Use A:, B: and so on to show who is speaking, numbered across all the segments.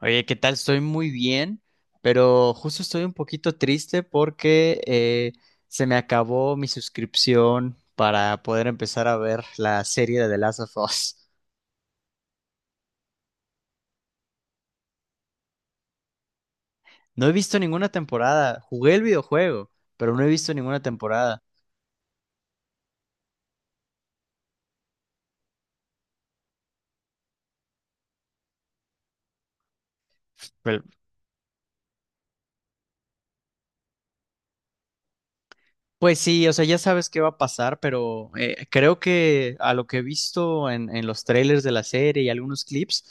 A: Oye, ¿qué tal? Estoy muy bien, pero justo estoy un poquito triste porque se me acabó mi suscripción para poder empezar a ver la serie de The Last of Us. No he visto ninguna temporada. Jugué el videojuego, pero no he visto ninguna temporada. Pero pues sí, o sea, ya sabes qué va a pasar, pero creo que a lo que he visto en los trailers de la serie y algunos clips,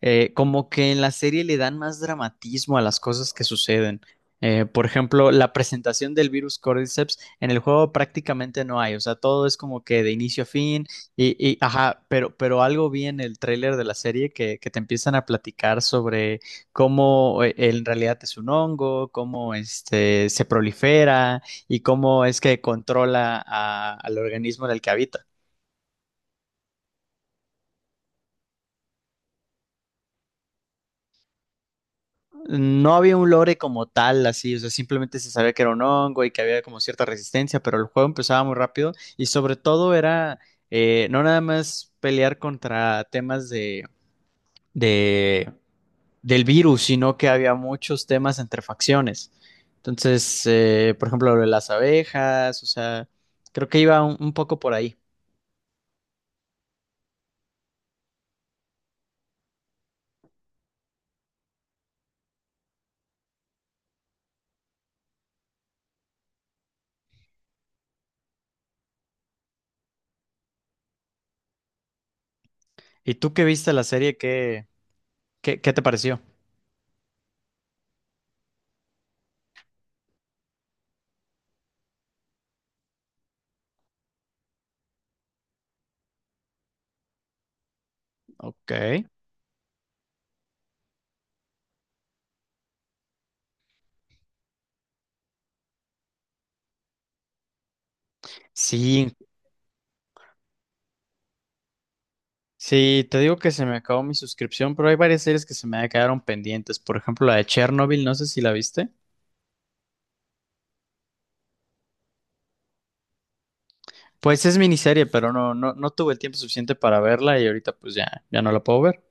A: como que en la serie le dan más dramatismo a las cosas que suceden. Por ejemplo, la presentación del virus Cordyceps en el juego prácticamente no hay, o sea, todo es como que de inicio a fin y ajá, pero algo vi en el trailer de la serie que te empiezan a platicar sobre cómo en realidad es un hongo, cómo este, se prolifera y cómo es que controla al organismo en el que habita. No había un lore como tal, así, o sea, simplemente se sabía que era un hongo y que había como cierta resistencia, pero el juego empezaba muy rápido y sobre todo era no nada más pelear contra temas de, de- del virus, sino que había muchos temas entre facciones. Entonces, por ejemplo, lo de las abejas, o sea, creo que iba un poco por ahí. ¿Y tú que viste la serie, qué, qué te pareció? Ok. Sí, sí, te digo que se me acabó mi suscripción, pero hay varias series que se me quedaron pendientes. Por ejemplo, la de Chernobyl, no sé si la viste. Pues es miniserie, pero no tuve el tiempo suficiente para verla y ahorita pues ya no la puedo ver.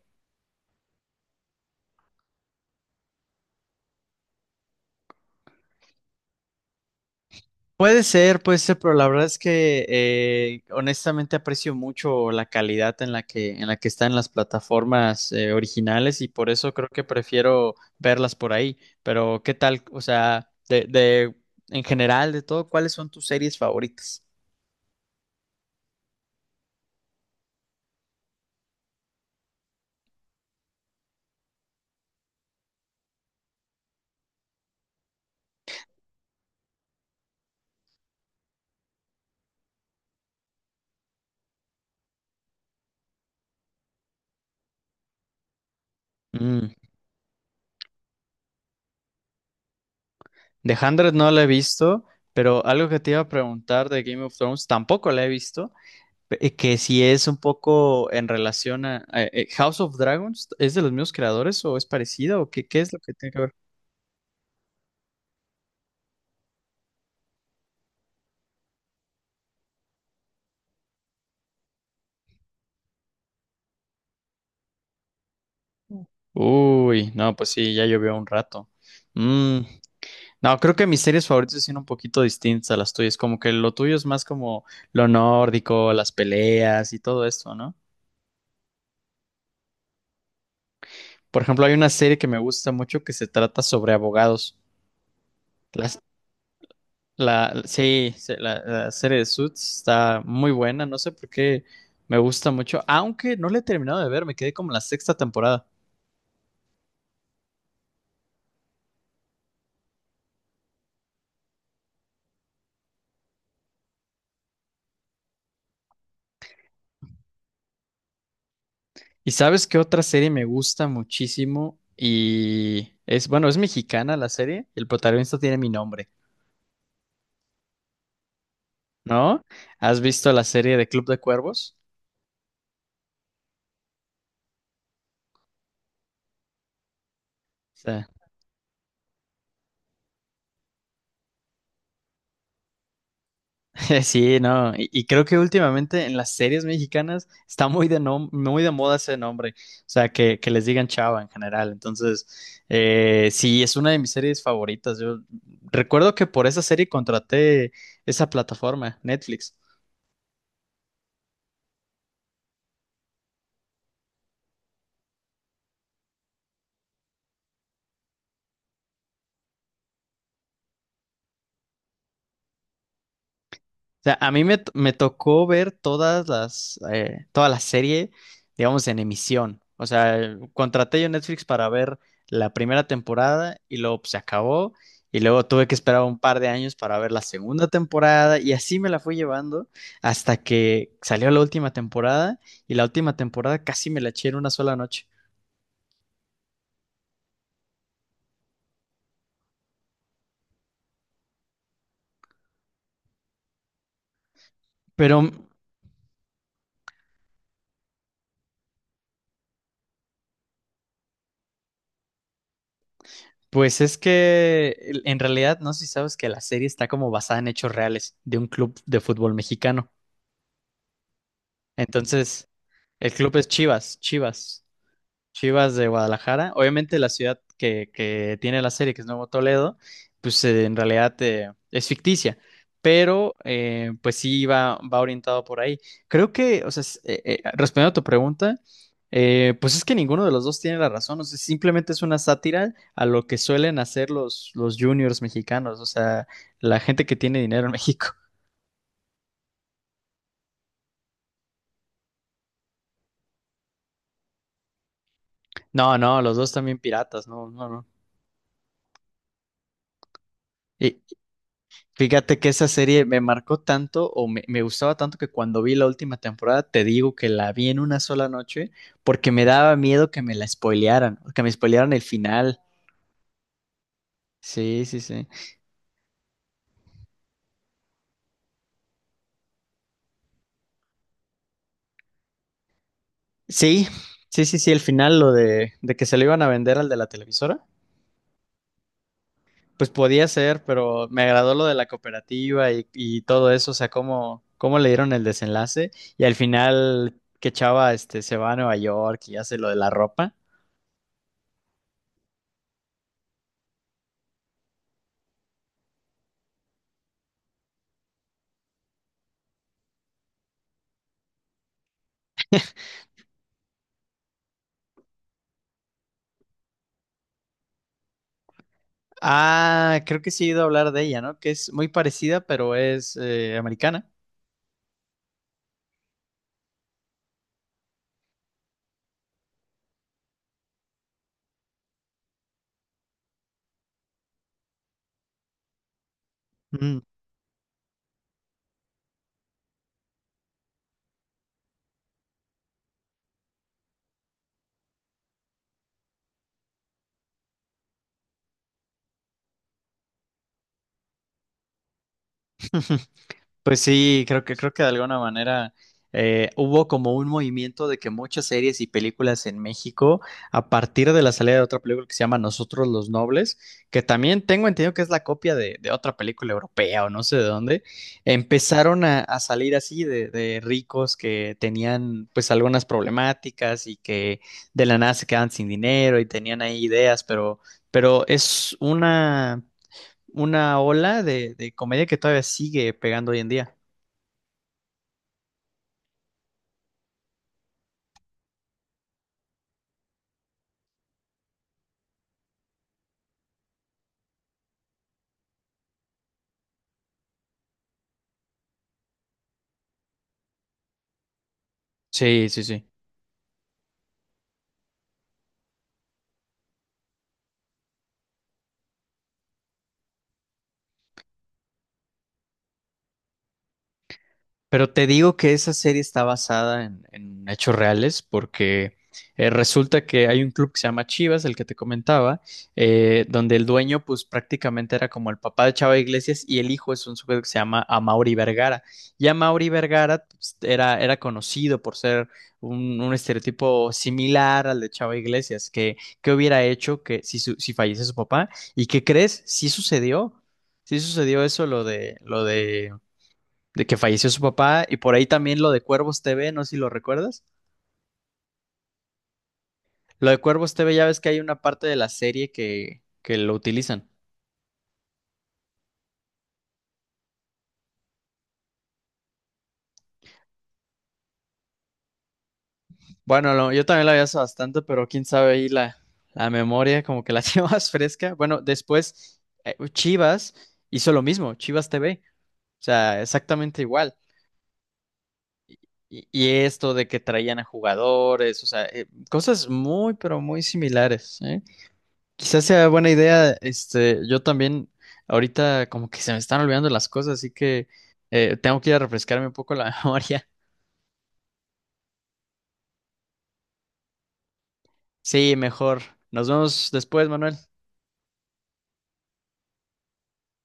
A: Puede ser, pero la verdad es que honestamente aprecio mucho la calidad en la que están las plataformas originales y por eso creo que prefiero verlas por ahí. Pero, ¿qué tal? O sea, en general, de todo, ¿cuáles son tus series favoritas? Mm. The 100 no la he visto, pero algo que te iba a preguntar de Game of Thrones tampoco la he visto, que si es un poco en relación a, House of Dragons, ¿es de los mismos creadores o es parecida o qué, qué es lo que tiene que ver? Uy, no, pues sí, ya llovió un rato. Mm, no, creo que mis series favoritas son un poquito distintas a las tuyas, como que lo tuyo es más como lo nórdico, las peleas y todo esto, ¿no? Por ejemplo, hay una serie que me gusta mucho que se trata sobre abogados. Las- La, sí, sí, la serie de Suits está muy buena, no sé por qué me gusta mucho, aunque no la he terminado de ver, me quedé como en la sexta temporada. ¿Y sabes qué otra serie me gusta muchísimo? Y es, bueno, es mexicana la serie, el protagonista tiene mi nombre, ¿no? ¿Has visto la serie de Club de Cuervos? Sí, no, y creo que últimamente en las series mexicanas está muy de muy de moda ese nombre, o sea, que les digan chava en general, entonces, sí, es una de mis series favoritas, yo recuerdo que por esa serie contraté esa plataforma, Netflix. Sea, a mí me, me tocó ver todas las, toda la serie, digamos, en emisión. O sea, contraté yo Netflix para ver la primera temporada y luego pues, se acabó. Y luego tuve que esperar un par de años para ver la segunda temporada y así me la fui llevando hasta que salió la última temporada y la última temporada casi me la eché en una sola noche. Pero pues es que en realidad no sé si sabes que la serie está como basada en hechos reales de un club de fútbol mexicano. Entonces, el club es Chivas, Chivas de Guadalajara. Obviamente la ciudad que tiene la serie, que es Nuevo Toledo, pues en realidad es ficticia, pero pues sí va, va orientado por ahí. Creo que, o sea, respondiendo a tu pregunta, pues es que ninguno de los dos tiene la razón, o sea, simplemente es una sátira a lo que suelen hacer los juniors mexicanos, o sea, la gente que tiene dinero en México. No, no, los dos también piratas, no, no, no. Fíjate que esa serie me marcó tanto o me gustaba tanto que cuando vi la última temporada, te digo que la vi en una sola noche porque me daba miedo que me la spoilearan, que me spoilearan el final. Sí, sí, sí. Sí, sí, sí, sí, el final, lo de que se lo iban a vender al de la televisora. Pues podía ser, pero me agradó lo de la cooperativa y todo eso, o sea, cómo, cómo le dieron el desenlace y al final que Chava este, se va a Nueva York y hace lo de la ropa. Ah, creo que sí he ido a hablar de ella, ¿no? Que es muy parecida, pero es americana. Mm. Pues sí, creo que de alguna manera hubo como un movimiento de que muchas series y películas en México, a partir de la salida de otra película que se llama Nosotros los Nobles, que también tengo entendido que es la copia de otra película europea o no sé de dónde, empezaron a salir así de ricos que tenían pues algunas problemáticas y que de la nada se quedan sin dinero y tenían ahí ideas, pero es una ola de comedia que todavía sigue pegando hoy en día. Sí, sí, sí. Pero te digo que esa serie está basada en hechos reales porque resulta que hay un club que se llama Chivas, el que te comentaba, donde el dueño pues prácticamente era como el papá de Chava Iglesias y el hijo es un sujeto que se llama Amaury Vergara. Y Amaury Vergara pues, era, era conocido por ser un estereotipo similar al de Chava Iglesias, que hubiera hecho que si, si fallece su papá. ¿Y qué crees? Sí sucedió. Sí sucedió eso, lo de que falleció su papá y por ahí también lo de Cuervos TV, no sé si lo recuerdas. Lo de Cuervos TV ya ves que hay una parte de la serie que lo utilizan. Bueno, yo también lo había hace bastante, pero quién sabe ahí la, la memoria como que la llevas fresca. Bueno, después Chivas hizo lo mismo, Chivas TV, o sea, exactamente igual. Y esto de que traían a jugadores, o sea, cosas muy, pero muy similares, ¿eh? Quizás sea buena idea, este, yo también ahorita como que se me están olvidando las cosas, así que tengo que ir a refrescarme un poco la memoria. Sí, mejor. Nos vemos después, Manuel.